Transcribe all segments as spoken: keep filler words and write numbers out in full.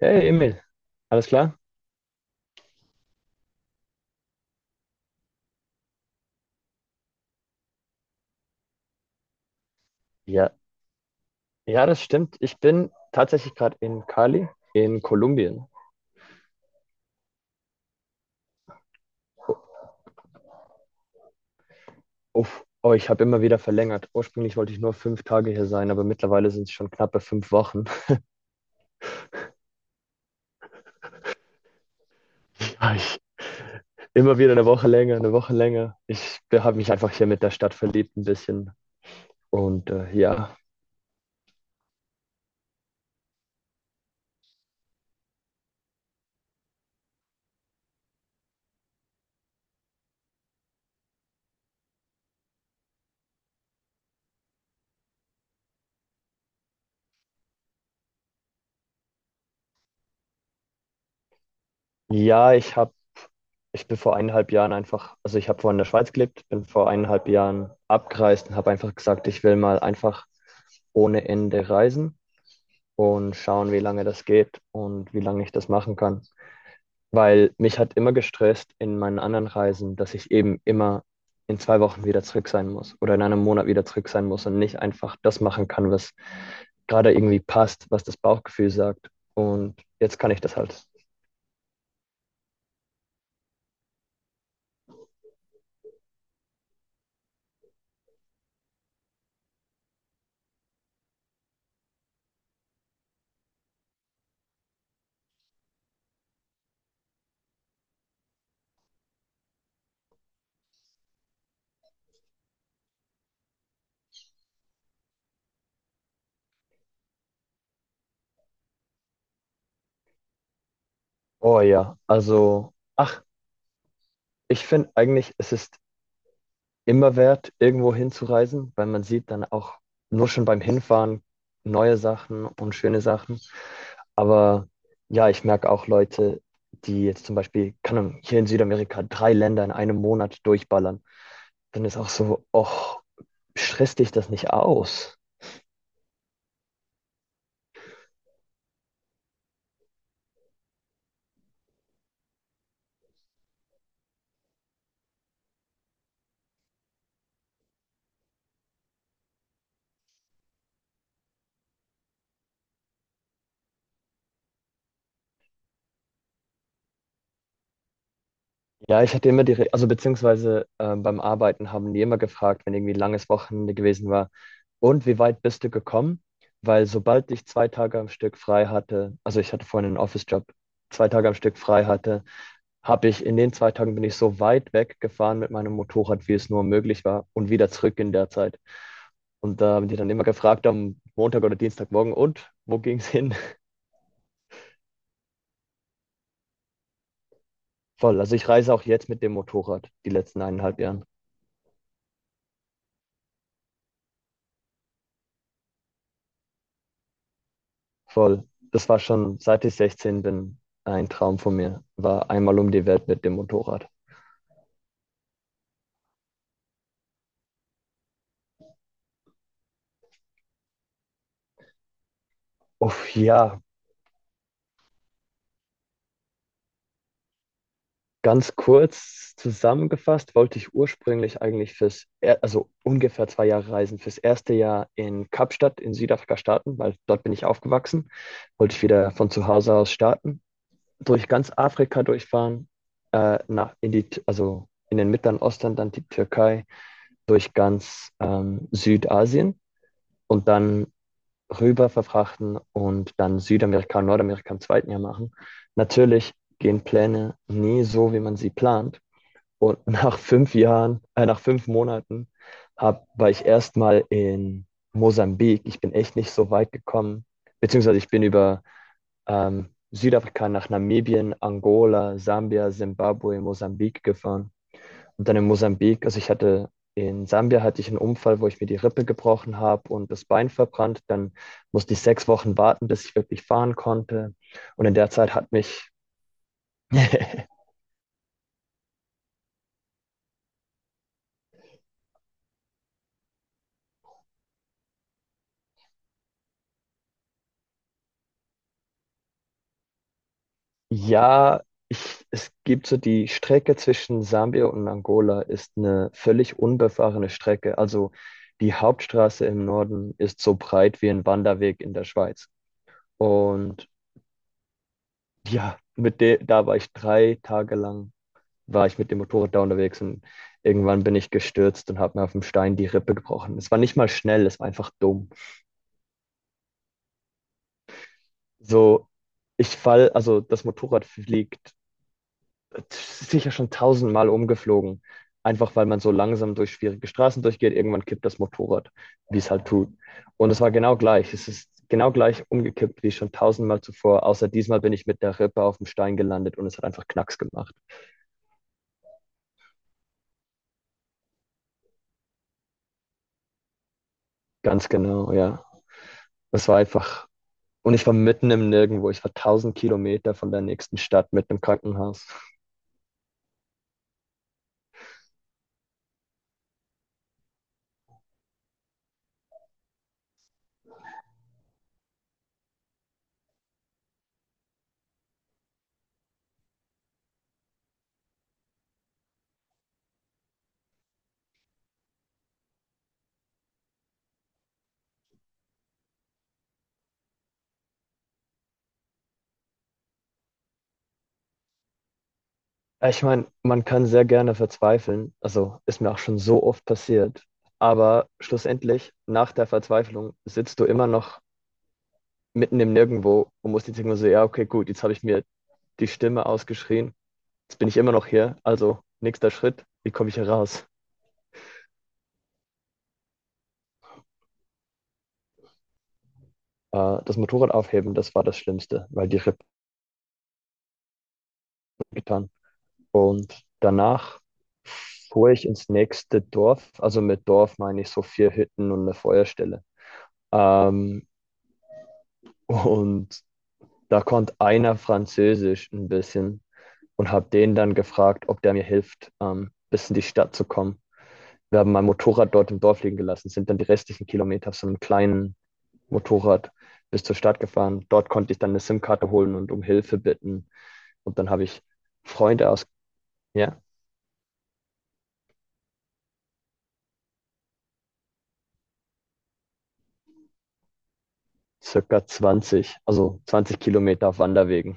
Hey Emil, alles klar? Ja, ja, das stimmt. Ich bin tatsächlich gerade in Cali, in Kolumbien. Uff, oh, ich habe immer wieder verlängert. Ursprünglich wollte ich nur fünf Tage hier sein, aber mittlerweile sind es schon knappe fünf Wochen. Ja, ich, immer wieder eine Woche länger, eine Woche länger. Ich habe mich einfach hier mit der Stadt verliebt ein bisschen. Und äh, ja, ja, ich habe, ich bin vor eineinhalb Jahren einfach, also ich habe vorhin in der Schweiz gelebt, bin vor eineinhalb Jahren abgereist und habe einfach gesagt, ich will mal einfach ohne Ende reisen. Und schauen, wie lange das geht und wie lange ich das machen kann. Weil mich hat immer gestresst in meinen anderen Reisen, dass ich eben immer in zwei Wochen wieder zurück sein muss oder in einem Monat wieder zurück sein muss und nicht einfach das machen kann, was gerade irgendwie passt, was das Bauchgefühl sagt. Und jetzt kann ich das halt. Oh ja, also, ach, ich finde eigentlich, es ist immer wert, irgendwo hinzureisen, weil man sieht dann auch nur schon beim Hinfahren neue Sachen und schöne Sachen. Aber ja, ich merke auch Leute, die jetzt zum Beispiel, keine Ahnung, hier in Südamerika drei Länder in einem Monat durchballern. Dann ist auch so, och, stresst dich das nicht aus? Ja, ich hatte immer die, Re- also beziehungsweise ähm, beim Arbeiten haben die immer gefragt, wenn irgendwie ein langes Wochenende gewesen war, und wie weit bist du gekommen? Weil sobald ich zwei Tage am Stück frei hatte, also ich hatte vorhin einen Office-Job, zwei Tage am Stück frei hatte, habe ich in den zwei Tagen bin ich so weit weggefahren mit meinem Motorrad, wie es nur möglich war, und wieder zurück in der Zeit. Und da haben die dann immer gefragt am Montag oder Dienstagmorgen, und wo ging's hin? Voll. Also ich reise auch jetzt mit dem Motorrad die letzten eineinhalb Jahre. Voll. Das war schon, seit ich sechzehn bin, ein Traum von mir. War einmal um die Welt mit dem Motorrad. Uff, ja, ganz kurz zusammengefasst wollte ich ursprünglich eigentlich fürs, er- also ungefähr zwei Jahre reisen, fürs erste Jahr in Kapstadt in Südafrika starten, weil dort bin ich aufgewachsen. Wollte ich wieder von zu Hause aus starten, durch ganz Afrika durchfahren, äh, nach in die, also in den Mittleren Osten, dann die Türkei, durch ganz ähm, Südasien und dann rüber verfrachten und dann Südamerika und Nordamerika im zweiten Jahr machen. Natürlich gehen Pläne nie so, wie man sie plant. Und nach fünf Jahren, äh, nach fünf Monaten hab, war ich erstmal in Mosambik. Ich bin echt nicht so weit gekommen, beziehungsweise ich bin über ähm, Südafrika nach Namibien, Angola, Sambia, Zimbabwe, Mosambik gefahren. Und dann in Mosambik, also ich hatte in Sambia hatte ich einen Unfall, wo ich mir die Rippe gebrochen habe und das Bein verbrannt. Dann musste ich sechs Wochen warten, bis ich wirklich fahren konnte. Und in der Zeit hat mich, ja, ich, es gibt so die Strecke zwischen Sambia und Angola ist eine völlig unbefahrene Strecke. Also die Hauptstraße im Norden ist so breit wie ein Wanderweg in der Schweiz. Und ja, mit der, da war ich drei Tage lang war ich mit dem Motorrad da unterwegs, und irgendwann bin ich gestürzt und habe mir auf dem Stein die Rippe gebrochen. Es war nicht mal schnell, es war einfach dumm. So, ich fall, also das Motorrad fliegt sicher schon tausendmal umgeflogen, einfach weil man so langsam durch schwierige Straßen durchgeht. Irgendwann kippt das Motorrad, wie es halt tut. Und es war genau gleich. Es ist genau gleich umgekippt wie schon tausendmal zuvor, außer diesmal bin ich mit der Rippe auf dem Stein gelandet und es hat einfach Knacks gemacht. Ganz genau, ja. Es war einfach. Und ich war mitten im Nirgendwo. Ich war tausend Kilometer von der nächsten Stadt mit einem Krankenhaus. Äh, Ich meine, man kann sehr gerne verzweifeln. Also ist mir auch schon so oft passiert. Aber schlussendlich, nach der Verzweiflung, sitzt du immer noch mitten im Nirgendwo und musst jetzt irgendwo so, ja, okay, gut, jetzt habe ich mir die Stimme ausgeschrien. Jetzt bin ich immer noch hier. Also nächster Schritt, wie komme ich hier raus? Äh, Das Motorrad aufheben, das war das Schlimmste, weil die Rippen getan. Und danach fuhr ich ins nächste Dorf. Also mit Dorf meine ich so vier Hütten und eine Feuerstelle. Ähm, und da konnte einer Französisch ein bisschen und habe den dann gefragt, ob der mir hilft, ähm, bis in die Stadt zu kommen. Wir haben mein Motorrad dort im Dorf liegen gelassen, sind dann die restlichen Kilometer auf so einem kleinen Motorrad bis zur Stadt gefahren. Dort konnte ich dann eine SIM-Karte holen und um Hilfe bitten. Und dann habe ich Freunde aus, ja. Circa zwanzig, also zwanzig Kilometer auf Wanderwegen.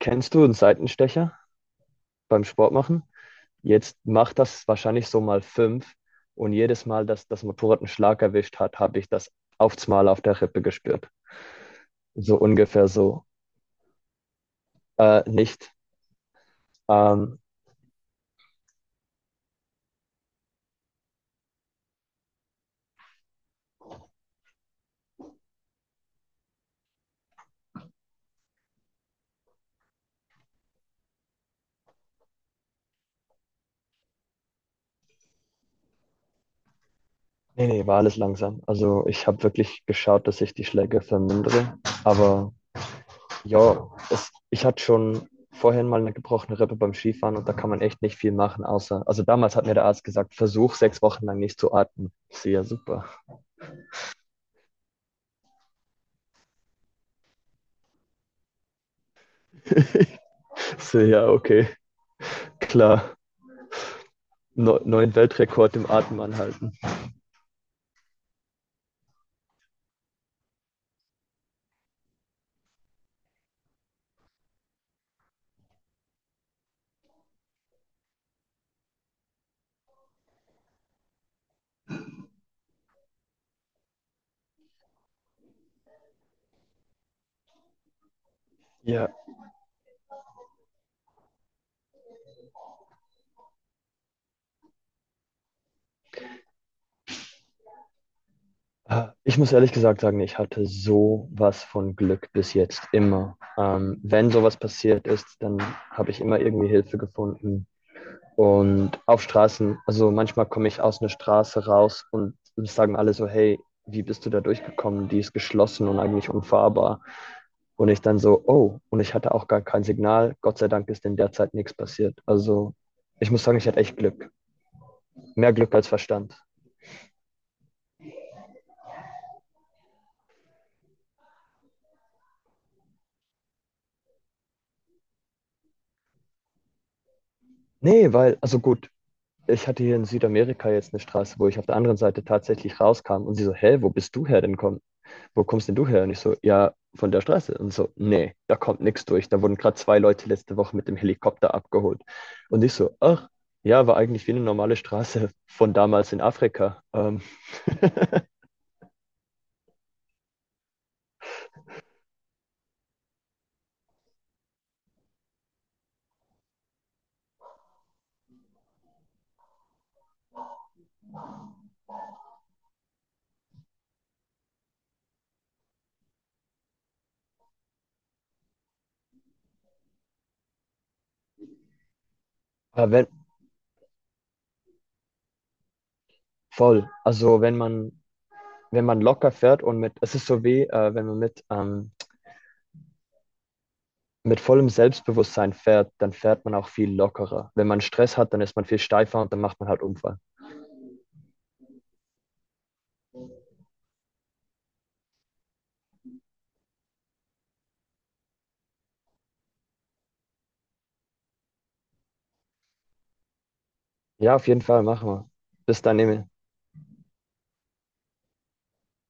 Kennst du einen Seitenstecher beim Sport machen? Jetzt macht das wahrscheinlich so mal fünf. Und jedes Mal, dass das Motorrad einen Schlag erwischt hat, habe ich das aufs Mal auf der Rippe gespürt. So ungefähr so. Äh, nicht. Ähm, nee, nee, war alles langsam. Also ich habe wirklich geschaut, dass ich die Schläge vermindere. Aber ja, es, ich hatte schon vorhin mal eine gebrochene Rippe beim Skifahren und da kann man echt nicht viel machen, außer, also damals hat mir der Arzt gesagt, versuch sechs Wochen lang nicht zu atmen. Ich so, ja, super. Ich so, ja, okay, klar. Neu- neuen Weltrekord im Atmen anhalten. Ja, äh, ich muss ehrlich gesagt sagen, ich hatte sowas von Glück bis jetzt immer. Ähm, wenn sowas passiert ist, dann habe ich immer irgendwie Hilfe gefunden. Und auf Straßen, also manchmal komme ich aus einer Straße raus und sagen alle so, hey, wie bist du da durchgekommen? Die ist geschlossen und eigentlich unfahrbar. Und ich dann so, oh, und ich hatte auch gar kein Signal. Gott sei Dank ist in der Zeit nichts passiert. Also ich muss sagen, ich hatte echt Glück. Mehr Glück als Verstand. Nee, weil, also gut, ich hatte hier in Südamerika jetzt eine Straße, wo ich auf der anderen Seite tatsächlich rauskam und sie so, hä, wo bist du her denn komm, wo kommst denn du her? Und ich so, ja, von der Straße. Und so, nee, da kommt nichts durch. Da wurden gerade zwei Leute letzte Woche mit dem Helikopter abgeholt. Und ich so, ach, ja, war eigentlich wie eine normale Straße von damals in Afrika. Ähm, aber wenn, voll. Also wenn man, wenn man locker fährt und mit, es ist so wie, äh, wenn man mit, ähm, mit vollem Selbstbewusstsein fährt, dann fährt man auch viel lockerer. Wenn man Stress hat, dann ist man viel steifer und dann macht man halt Unfall. Ja, auf jeden Fall machen wir. Bis dann, Emil.